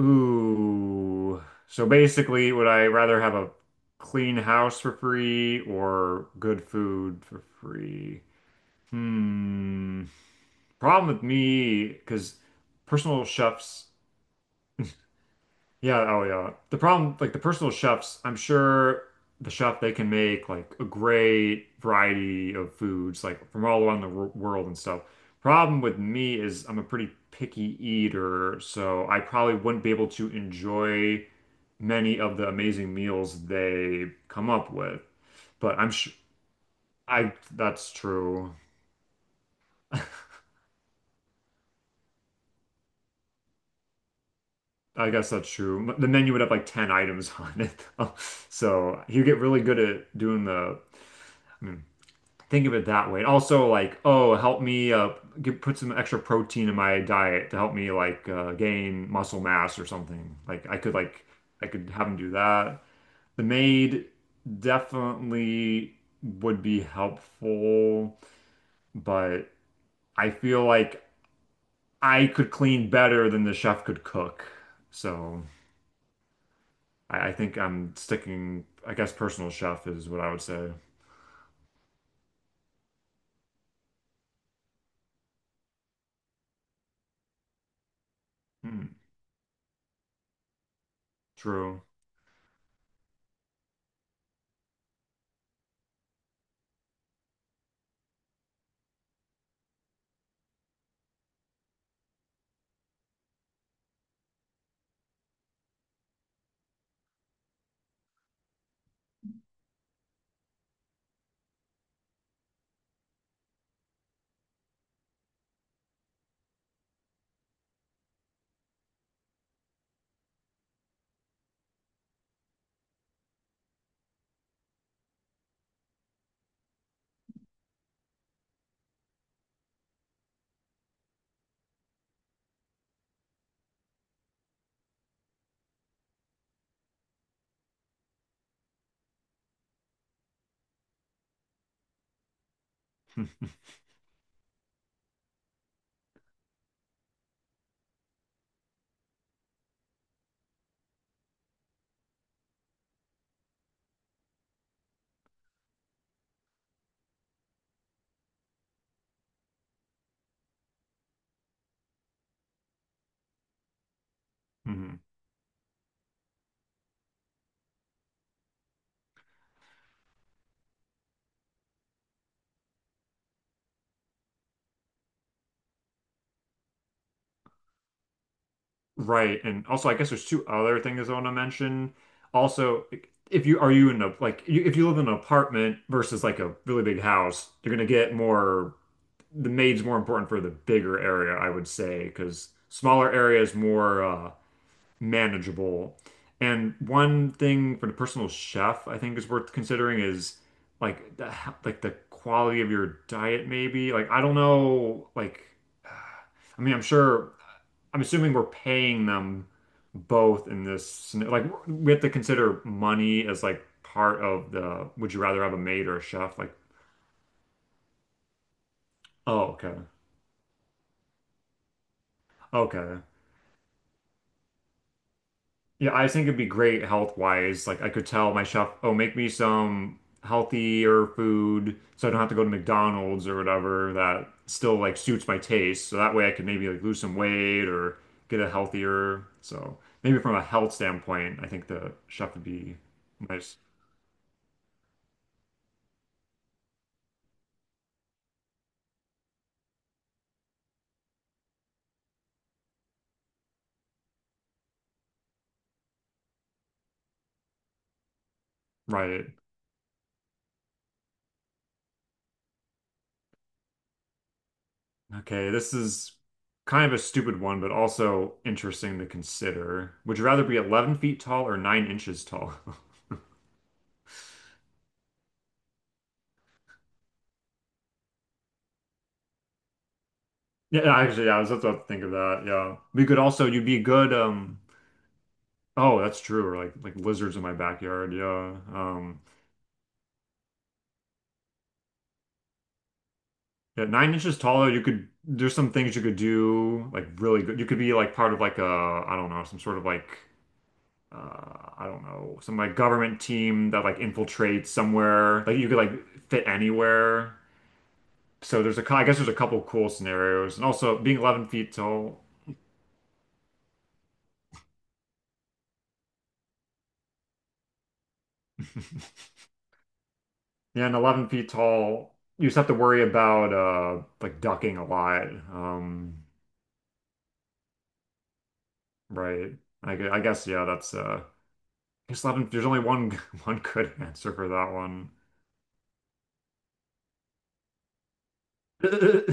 Ooh. So basically, would I rather have a clean house for free or good food for free? Hmm. Problem with me, because personal chefs. Yeah, oh yeah. The problem, like the personal chefs, I'm sure the chef they can make like a great variety of foods, like from all around the world and stuff. Problem with me is I'm a pretty picky eater, so I probably wouldn't be able to enjoy many of the amazing meals they come up with. But I'm sh I That's true. I guess that's true. The menu would have like 10 items on it, though. So you get really good at doing the. I mean, think of it that way. And also like, oh, help me put some extra protein in my diet to help me like gain muscle mass or something. I could have him do that. The maid definitely would be helpful, but I feel like I could clean better than the chef could cook. So I think I'm sticking, I guess personal chef is what I would say. Hmm, true. Mhm. Right. And also, I guess there's two other things I want to mention. Also, if you are you in a like you, if you live in an apartment versus like a really big house, you're gonna get more the maid's more important for the bigger area, I would say, because smaller areas more manageable. And one thing for the personal chef, I think is worth considering is like the like the quality of your diet, maybe. Like I don't know, like I mean, I'm sure, I'm assuming we're paying them both in this. Like we have to consider money as like part of the. Would you rather have a maid or a chef? Like, oh, okay, okay. Yeah, I think it'd be great health wise. Like I could tell my chef, oh, make me some healthier food so I don't have to go to McDonald's or whatever that still like suits my taste. So that way I could maybe like lose some weight or get a healthier. So maybe from a health standpoint, I think the chef would be nice. Right. Okay, this is kind of a stupid one, but also interesting to consider. Would you rather be 11 feet tall or 9 inches tall? Yeah, yeah, actually, yeah, I was about to think of that. Yeah. We could also you'd be good, oh, that's true, or like lizards in my backyard, yeah. Yeah, 9 inches taller, you could there's some things you could do like really good. You could be like part of like a I don't know, some sort of like I don't know, some like government team that like infiltrates somewhere. Like you could like fit anywhere. So I guess there's a couple cool scenarios. And also being 11 feet tall. Yeah, and 11 feet tall, you just have to worry about like ducking a lot. Right. I guess yeah, that's I guess 11 there's only one one good answer for that one. 11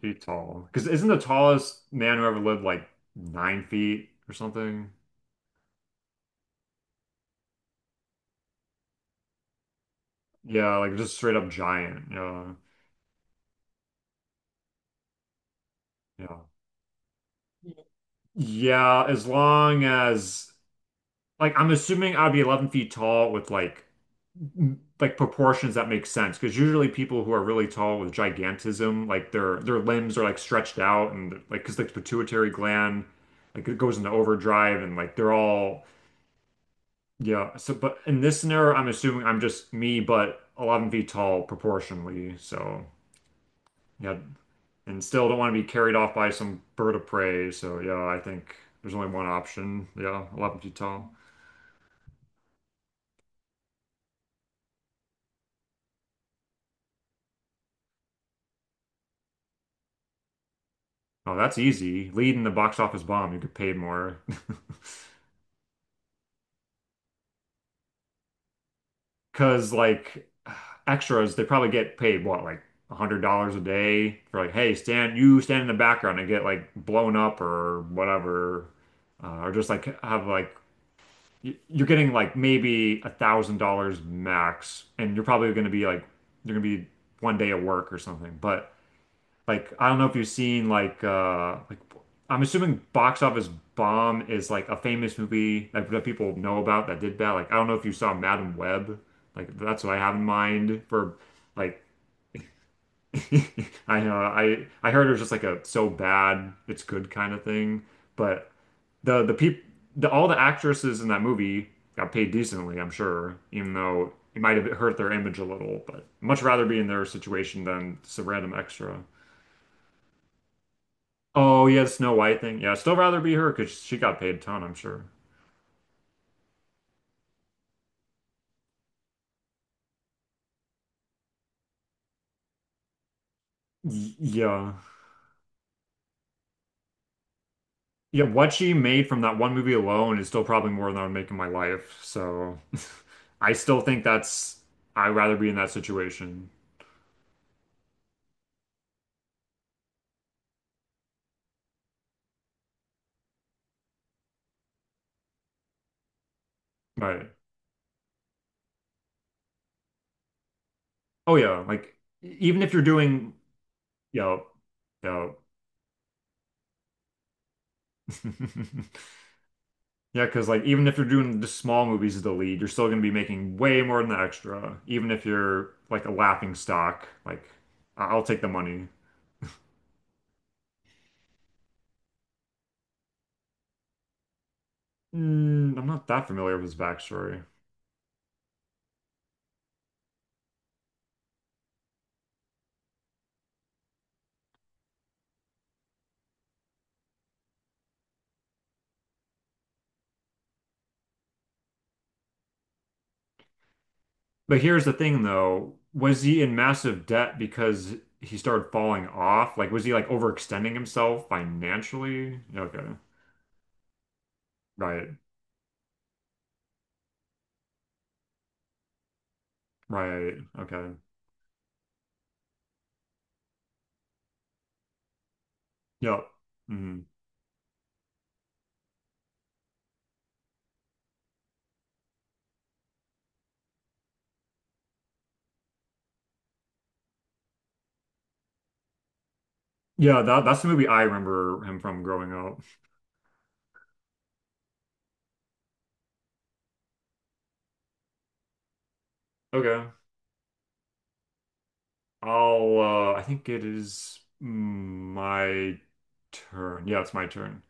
feet tall. Because isn't the tallest man who ever lived like 9 feet or something? Yeah, like just straight up giant. Yeah. Yeah. Yeah, as long as like I'm assuming I'd be 11 feet tall with like proportions that make sense because usually people who are really tall with gigantism like their limbs are like stretched out and like because like the pituitary gland like it goes into overdrive and like they're all. Yeah, so but in this scenario I'm assuming I'm just me but 11 feet tall proportionally, so yeah. And still don't want to be carried off by some bird of prey, so yeah, I think there's only one option. Yeah, 11 feet tall. Oh, that's easy, lead in the box office bomb, you get paid more. Because like extras, they probably get paid what like $100 a day for like, hey, stand you stand in the background and get like blown up or whatever, or just like have like you're getting like maybe $1,000 max, and you're probably going to be like you're going to be one day at work or something, but like I don't know if you've seen like I'm assuming Box Office Bomb is like a famous movie like that people know about that did bad. Like I don't know if you saw Madam Web. Like that's what I have in mind for like. I know I heard it was just like a so bad it's good kind of thing. But the peop the all the actresses in that movie got paid decently, I'm sure, even though it might have hurt their image a little, but much rather be in their situation than some random extra. Oh yeah, the Snow White thing. Yeah, I'd still rather be her because she got paid a ton, I'm sure. Yeah, yeah. What she made from that one movie alone is still probably more than I would make in my life. So, I still think that's I'd rather be in that situation. Right? Oh yeah, like even if you're doing, yeah, yeah, yeah, because like even if you're doing the small movies as the lead, you're still gonna be making way more than the extra. Even if you're like a laughing stock, like I'll take the money. Mm, I'm not that familiar with his backstory. But here's the thing, though. Was he in massive debt because he started falling off? Like, was he like overextending himself financially? Okay. Right. Right. Okay. Yep. Hmm. Yeah, that's the movie I remember him from growing up. Okay. I'll I think it is my turn. Yeah, it's my turn.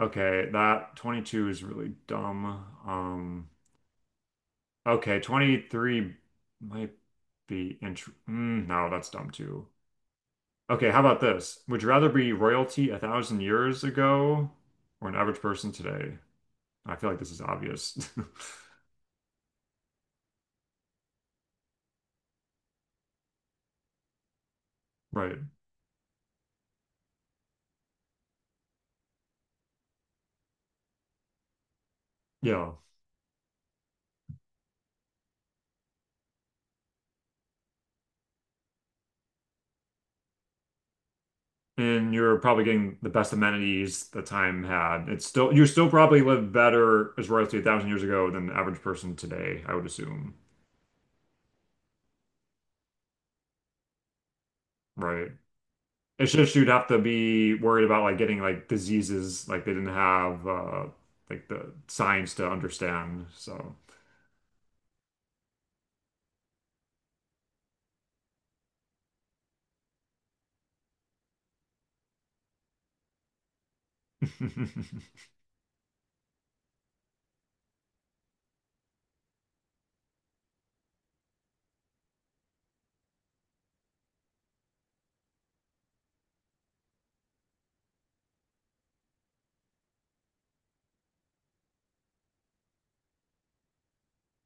Okay, that 22 is really dumb. Um Okay, 23 might be, no, that's dumb too. Okay, how about this? Would you rather be royalty a thousand years ago or an average person today? I feel like this is obvious. Right. Yeah. And you're probably getting the best amenities the time had. It's still You still probably live better as royalty a thousand years ago than the average person today, I would assume. Right. It's just you'd have to be worried about like getting like diseases like they didn't have like the science to understand. So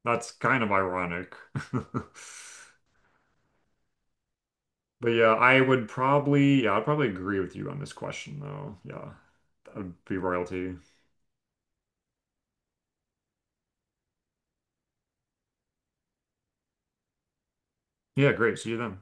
that's kind of ironic. But yeah, I would probably, yeah, I'd probably agree with you on this question, though. Yeah. That would be royalty. Yeah, great. See you then.